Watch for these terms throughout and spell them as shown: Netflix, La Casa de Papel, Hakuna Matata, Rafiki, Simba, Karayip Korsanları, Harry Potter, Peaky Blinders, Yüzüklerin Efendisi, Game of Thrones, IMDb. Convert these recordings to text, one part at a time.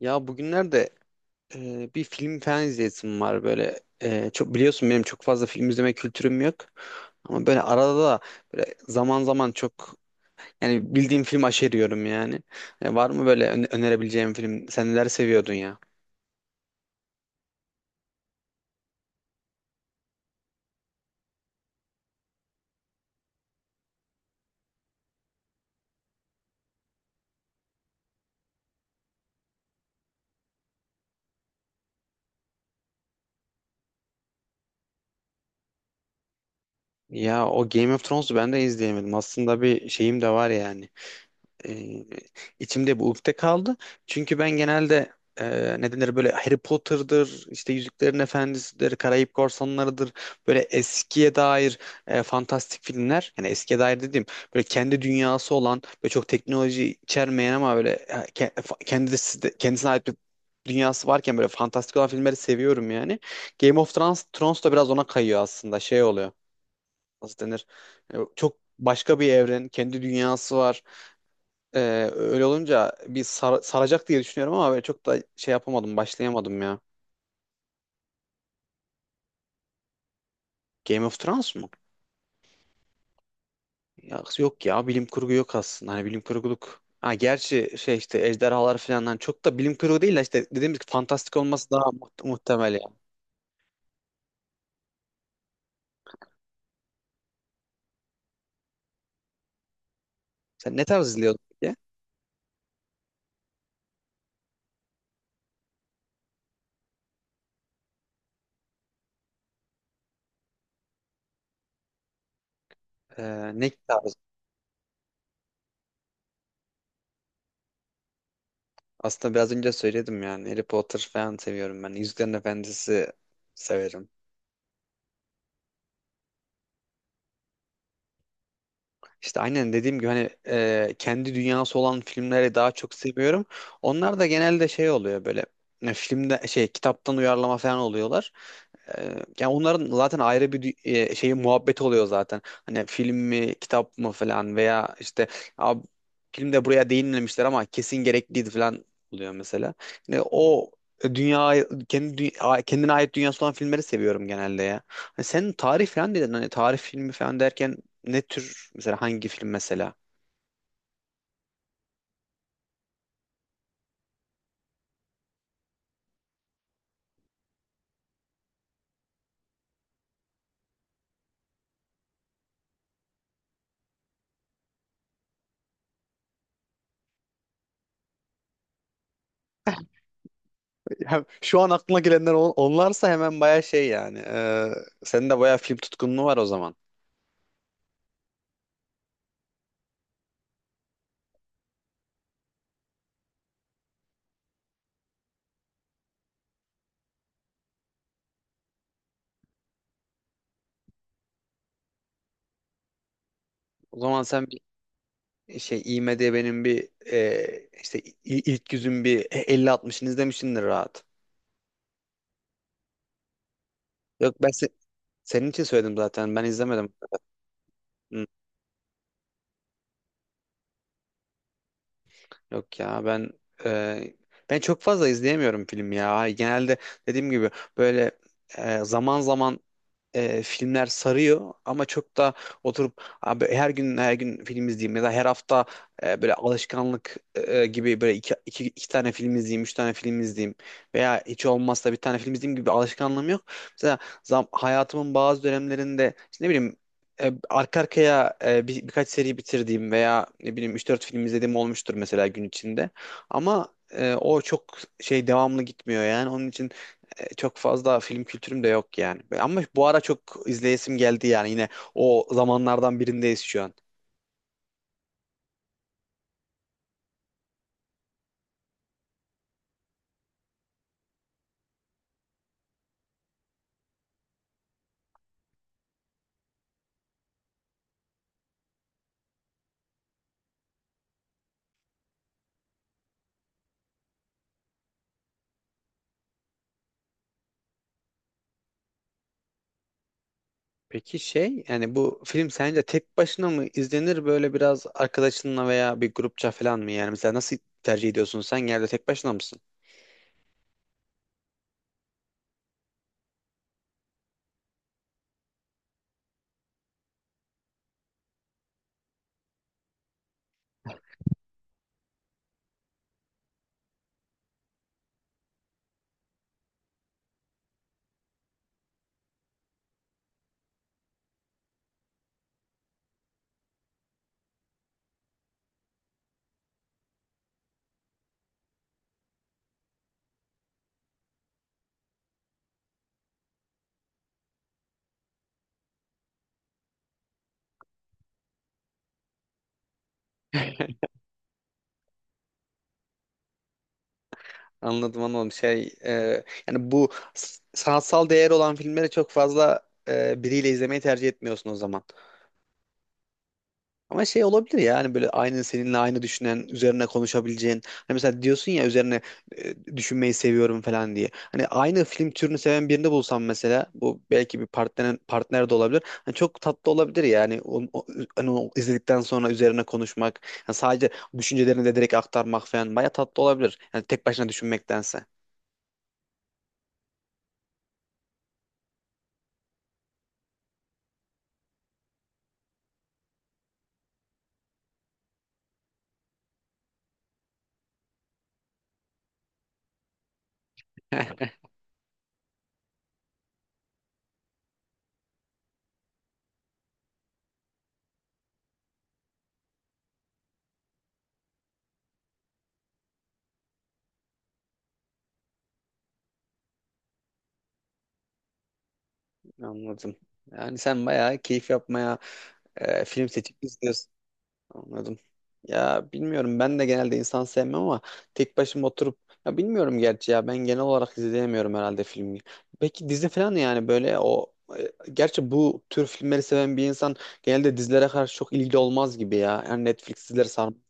Ya bugünlerde bir film falan izleyesim var böyle. Çok biliyorsun benim çok fazla film izleme kültürüm yok. Ama böyle arada da böyle zaman zaman çok yani bildiğim film aşeriyorum yani. Var mı böyle önerebileceğim film? Sen neler seviyordun ya? Ya o Game of Thrones'u ben de izleyemedim. Aslında bir şeyim de var yani. e, içimde bu ukde kaldı. Çünkü ben genelde ne denir böyle Harry Potter'dır, işte Yüzüklerin Efendisi'dir, Karayip Korsanları'dır. Böyle eskiye dair fantastik filmler. Yani eskiye dair dediğim böyle kendi dünyası olan ve çok teknoloji içermeyen ama böyle kendisine ait bir dünyası varken böyle fantastik olan filmleri seviyorum yani. Game of Thrones da biraz ona kayıyor aslında. Şey oluyor. Nasıl denir? Çok başka bir evren, kendi dünyası var. Ee, Öyle olunca bir saracak diye düşünüyorum ama böyle çok da şey yapamadım, başlayamadım ya. Game of Thrones mu? Ya, yok ya, bilim kurgu yok aslında. Hani bilim kurguluk. Ha, gerçi şey işte ejderhalar falan hani çok da bilim kurgu değil de işte dediğimiz gibi fantastik olması daha muhtemel ya. Sen ne tarz izliyordun peki? Ne tarz? Aslında biraz önce söyledim yani Harry Potter falan seviyorum ben. Yüzüklerin Efendisi severim. İşte aynen dediğim gibi hani kendi dünyası olan filmleri daha çok seviyorum. Onlar da genelde şey oluyor böyle filmde şey kitaptan uyarlama falan oluyorlar. Ee, Yani onların zaten ayrı bir şeyi muhabbet oluyor zaten. Hani film mi, kitap mı falan veya işte "Abi, filmde buraya değinmemişler ama kesin gerekliydi falan oluyor mesela. Yani o dünya kendi kendine ait dünyası olan filmleri seviyorum genelde ya. Hani sen tarih falan dedin hani tarih filmi falan derken ne tür mesela hangi film mesela? Ya şu an aklına gelenler onlarsa hemen baya şey yani. Senin de baya film tutkunluğu var o zaman. O zaman sen bir şey IMDb'nin benim bir ilk yüzün bir elli 60'ını izlemişsindir rahat. Yok ben senin için söyledim zaten. Ben izlemedim. Hı. Yok ya e, ben çok fazla izleyemiyorum film ya. Genelde dediğim gibi böyle zaman zaman filmler sarıyor ama çok da oturup abi her gün her gün film izleyeyim ya da her hafta böyle alışkanlık gibi böyle iki tane film izleyeyim, üç tane film izleyeyim veya hiç olmazsa bir tane film izleyeyim gibi bir alışkanlığım yok. Mesela hayatımın bazı dönemlerinde işte ne bileyim arka arkaya birkaç seri bitirdiğim veya ne bileyim üç dört film izlediğim olmuştur mesela gün içinde. Ama o çok şey devamlı gitmiyor yani. Onun için çok fazla film kültürüm de yok yani. Ama bu ara çok izleyesim geldi yani yine o zamanlardan birindeyiz şu an. Peki şey yani bu film sence tek başına mı izlenir böyle biraz arkadaşınla veya bir grupça falan mı yani mesela nasıl tercih ediyorsun sen genelde tek başına mısın? Anladım anladım şey yani bu sanatsal değeri olan filmleri çok fazla biriyle izlemeyi tercih etmiyorsun o zaman. Ama şey olabilir ya hani böyle aynı seninle aynı düşünen, üzerine konuşabileceğin. Hani mesela diyorsun ya üzerine düşünmeyi seviyorum falan diye. Hani aynı film türünü seven birini bulsam mesela bu belki bir partner de olabilir. Hani çok tatlı olabilir yani. Hani o izledikten sonra üzerine konuşmak, yani sadece düşüncelerini de direkt aktarmak falan baya tatlı olabilir. Yani tek başına düşünmektense. Anladım. Yani sen bayağı keyif yapmaya film seçip izliyorsun. Anladım. Ya bilmiyorum ben de genelde insan sevmem ama tek başıma oturup ya bilmiyorum gerçi ya ben genel olarak izleyemiyorum herhalde filmi. Peki dizi falan yani böyle o gerçi bu tür filmleri seven bir insan genelde dizilere karşı çok ilgili olmaz gibi ya. Yani Netflix dizileri sarmaz.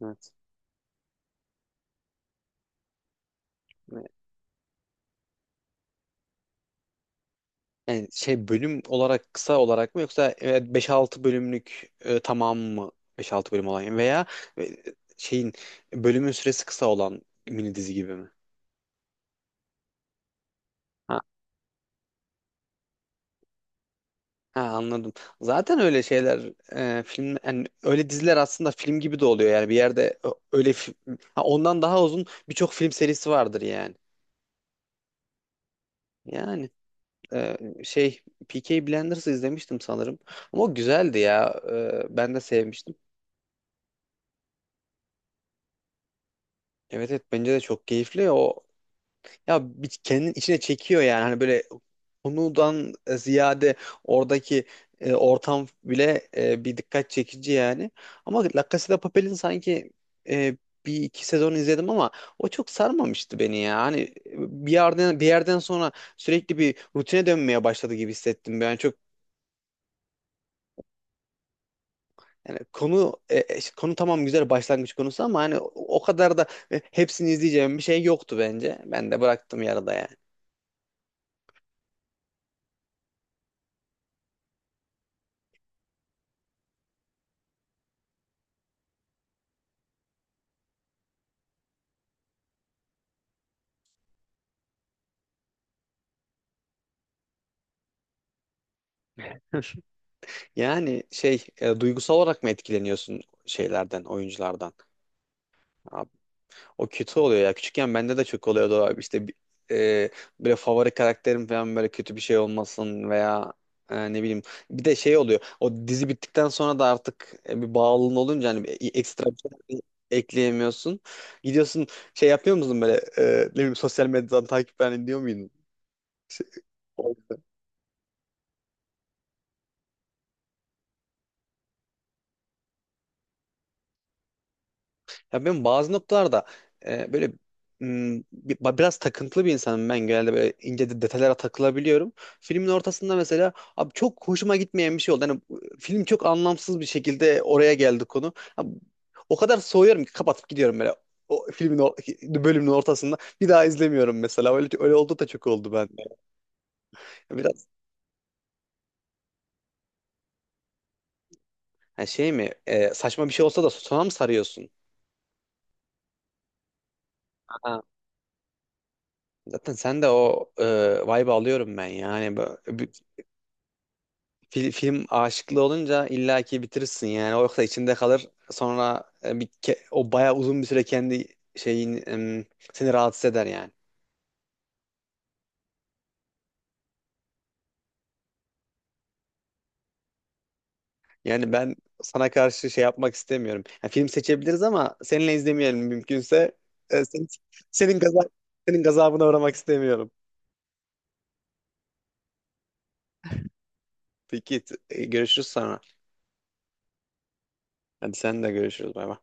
Evet. Yani şey bölüm olarak kısa olarak mı yoksa evet 5-6 bölümlük tamam mı? Beş altı bölüm olan veya e, şeyin bölümün süresi kısa olan mini dizi gibi mi? Ha, anladım. Zaten öyle şeyler film yani öyle diziler aslında film gibi de oluyor yani bir yerde öyle ondan daha uzun birçok film serisi vardır yani. Yani e, şey Peaky Blinders'ı izlemiştim sanırım ama o güzeldi ya. Ben de sevmiştim. Evet, evet, bence de çok keyifli o. Ya bir kendin içine çekiyor yani hani böyle konudan ziyade oradaki ortam bile bir dikkat çekici yani. Ama La Casa de Papel'in sanki e, bir iki sezon izledim ama o çok sarmamıştı beni ya. Hani bir yerden sonra sürekli bir rutine dönmeye başladı gibi hissettim. Ben çok. Yani konu işte konu tamam güzel başlangıç konusu ama hani o kadar da hepsini izleyeceğim bir şey yoktu bence. Ben de bıraktım yarıda yani. Yani şey duygusal olarak mı etkileniyorsun şeylerden, oyunculardan? O kötü oluyor ya. Küçükken bende de çok oluyordu abi. İşte e, böyle favori karakterim falan böyle kötü bir şey olmasın veya ne bileyim. Bir de şey oluyor. O dizi bittikten sonra da artık bir bağlılığın olunca hani ekstra bir şey ekleyemiyorsun. Gidiyorsun şey yapıyor musun böyle ne bileyim sosyal medyadan takip falan ediyor muydun? Şey, Ya ben bazı noktalarda böyle biraz takıntılı bir insanım ben genelde böyle ince detaylara takılabiliyorum. Filmin ortasında mesela abi çok hoşuma gitmeyen bir şey oldu. Yani film çok anlamsız bir şekilde oraya geldi konu. Abi o kadar soğuyorum ki kapatıp gidiyorum böyle. O filmin o bölümün ortasında bir daha izlemiyorum mesela. Öyle öyle oldu da çok oldu bende. Biraz ha şey mi saçma bir şey olsa da sona mı sarıyorsun? Ha. Zaten sen de o vibe'ı alıyorum ben yani. Film aşıklı olunca illaki bitirirsin yani. O yoksa içinde kalır. Sonra o bayağı uzun bir süre kendi şeyin seni rahatsız eder yani. Yani ben sana karşı şey yapmak istemiyorum. Yani film seçebiliriz ama seninle izlemeyelim mümkünse. E, sen- senin gaza- senin gazabına uğramak istemiyorum. Peki görüşürüz sonra. Hadi sen de görüşürüz bay bay.